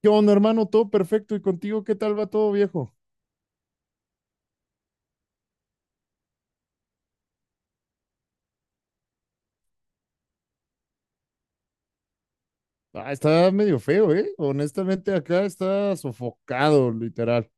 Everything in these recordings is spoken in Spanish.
¿Qué onda, hermano? Todo perfecto. ¿Y contigo qué tal va todo, viejo? Ah, está medio feo, ¿eh? Honestamente, acá está sofocado, literal.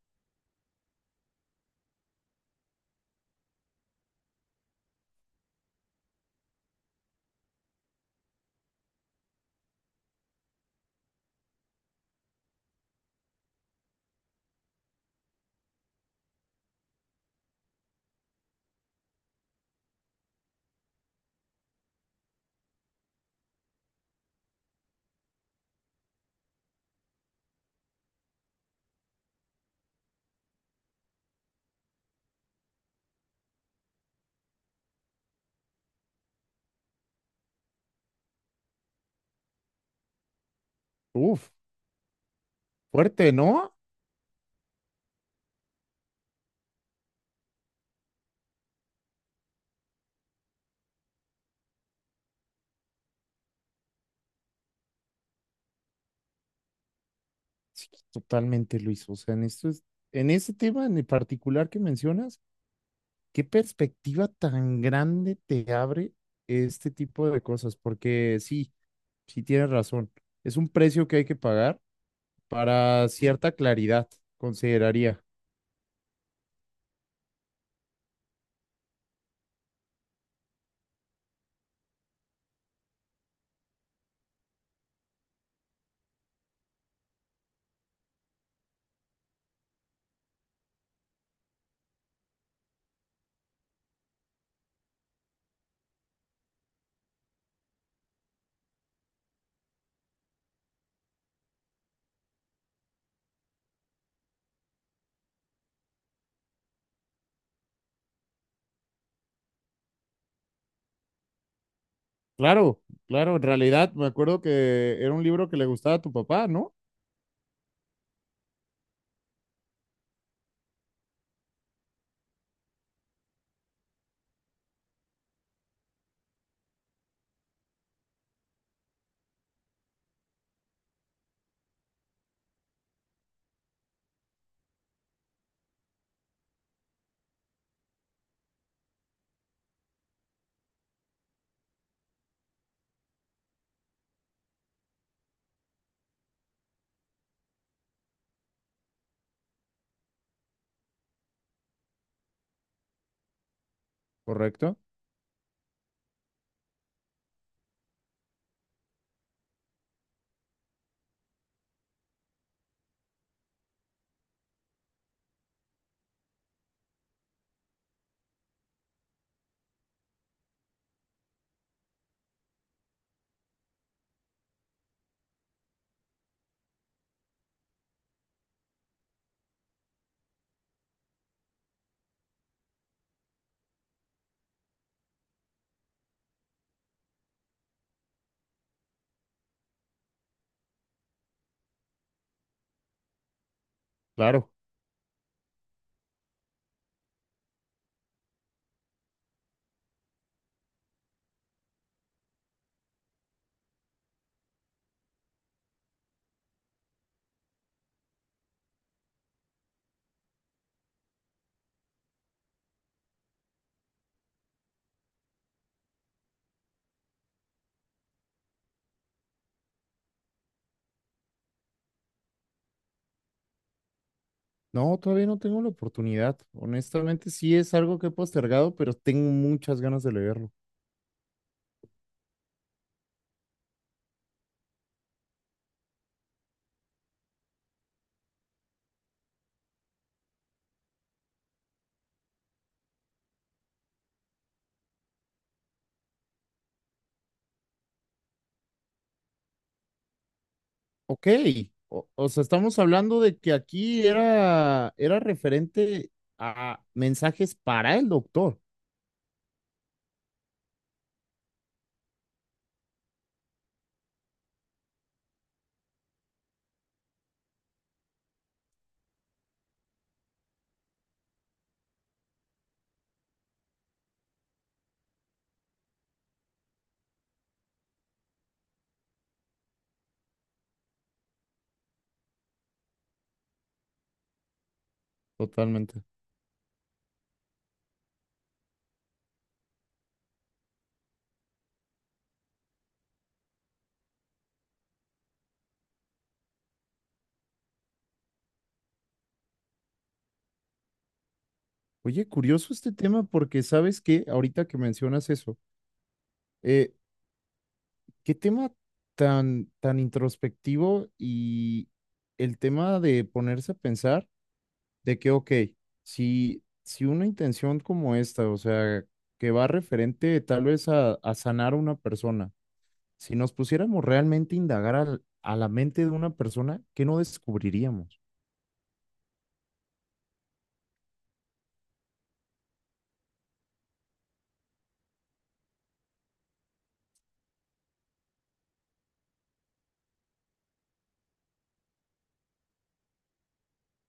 Uf, fuerte, ¿no? Sí, totalmente, Luis. O sea, en este tema en particular que mencionas, ¿qué perspectiva tan grande te abre este tipo de cosas? Porque sí, sí tienes razón. Es un precio que hay que pagar para cierta claridad, consideraría. Claro, claro, en realidad me acuerdo que era un libro que le gustaba a tu papá, ¿no? Correcto, claro. No, todavía no tengo la oportunidad. Honestamente, sí es algo que he postergado, pero tengo muchas ganas de leerlo. Ok, o sea, estamos hablando de que aquí era referente a mensajes para el doctor. Totalmente. Oye, curioso este tema porque sabes que ahorita que mencionas eso, eh, qué tema tan introspectivo y el tema de ponerse a pensar de que, ok, si una intención como esta, o sea, que va referente tal vez a sanar a una persona, si nos pusiéramos realmente a indagar al- a la mente de una persona, ¿qué no descubriríamos?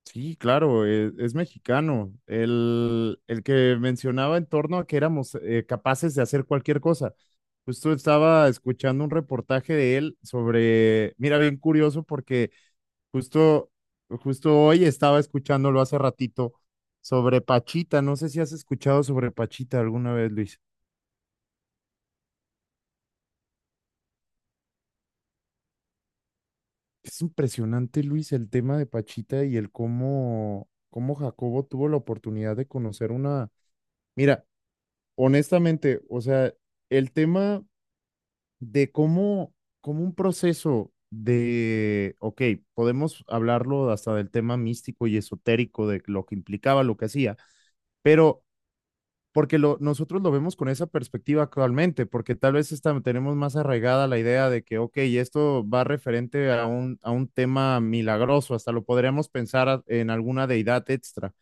Sí, claro, e- es mexicano. El que mencionaba en torno a que éramos capaces de hacer cualquier cosa. Justo estaba escuchando un reportaje de él sobre, mira, bien curioso porque justo, justo hoy estaba escuchándolo hace ratito sobre Pachita. No sé si has escuchado sobre Pachita alguna vez, Luis. Es impresionante, Luis, el tema de Pachita y el cómo Jacobo tuvo la oportunidad de conocer una... Mira. Honestamente, o sea, el tema de cómo un proceso de, ok, podemos hablarlo hasta del tema místico y esotérico de lo que implicaba, lo que hacía, pero porque lo, nosotros lo vemos con esa perspectiva actualmente, porque tal vez está- tenemos más arraigada la idea de que, ok, esto va referente a un tema milagroso, hasta lo podríamos pensar a- en alguna deidad extra,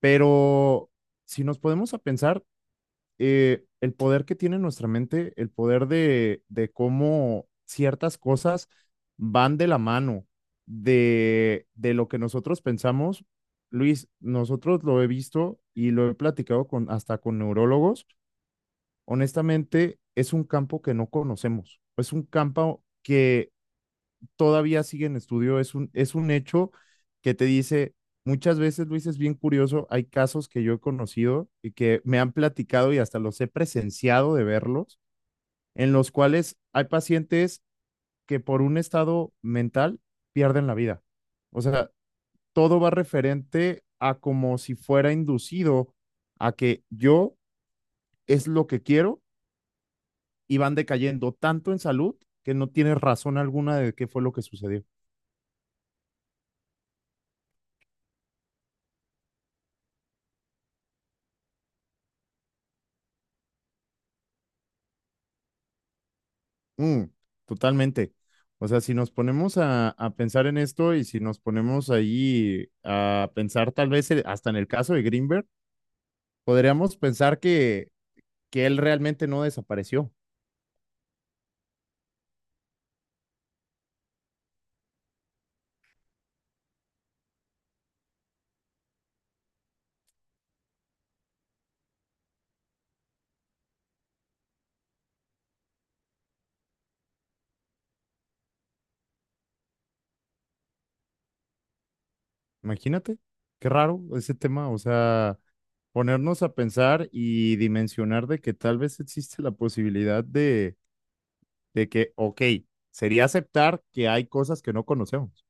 pero si nos podemos a pensar el poder que tiene nuestra mente, el poder de cómo ciertas cosas van de la mano de lo que nosotros pensamos. Luis, nosotros lo he visto y lo he platicado con, hasta con neurólogos. Honestamente, es un campo que no conocemos. Es un campo que todavía sigue en estudio, es un hecho que te dice, muchas veces, Luis, es bien curioso, hay casos que yo he conocido y que me han platicado y hasta los he presenciado de verlos, en los cuales hay pacientes que por un estado mental pierden la vida. O sea, todo va referente a como si fuera inducido a que yo es lo que quiero y van decayendo tanto en salud que no tienes razón alguna de qué fue lo que sucedió. Mm, totalmente. O sea, si nos ponemos a pensar en esto y si nos ponemos ahí a pensar tal vez hasta en el caso de Greenberg, podríamos pensar que él realmente no desapareció. Imagínate, qué raro ese tema. O sea, ponernos a pensar y dimensionar de que tal vez existe la posibilidad de que, ok, sería aceptar que hay cosas que no conocemos.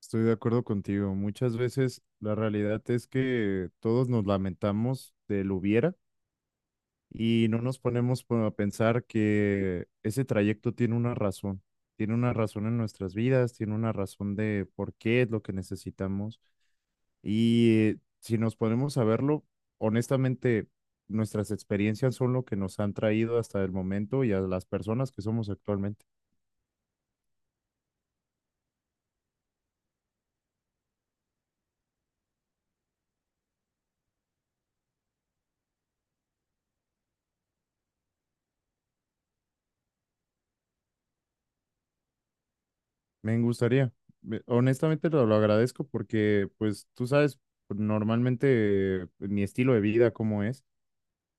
Estoy de acuerdo contigo. Muchas veces la realidad es que todos nos lamentamos del hubiera y no nos ponemos po- a pensar que ese trayecto tiene una razón. Tiene una razón en nuestras vidas, tiene una razón de por qué es lo que necesitamos. Y si nos ponemos a verlo, honestamente, nuestras experiencias son lo que nos han traído hasta el momento y a las personas que somos actualmente. Me gustaría. Me- Honestamente lo agradezco porque, pues, tú sabes pues, normalmente mi estilo de vida cómo es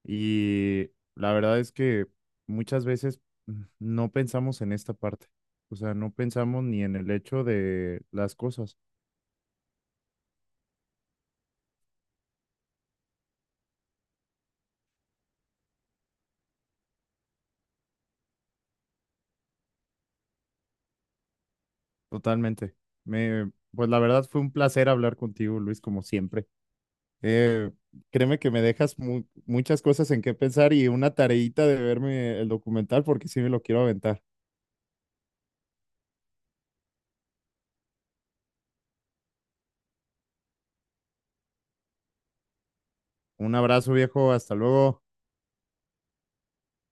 y la verdad es que muchas veces no pensamos en esta parte. O sea, no pensamos ni en el hecho de las cosas. Totalmente. Me, pues la verdad fue un placer hablar contigo, Luis, como siempre. Eh, créeme que me dejas mu- muchas cosas en qué pensar y una tareita de verme el documental porque sí me lo quiero aventar. Un abrazo, viejo. Hasta luego.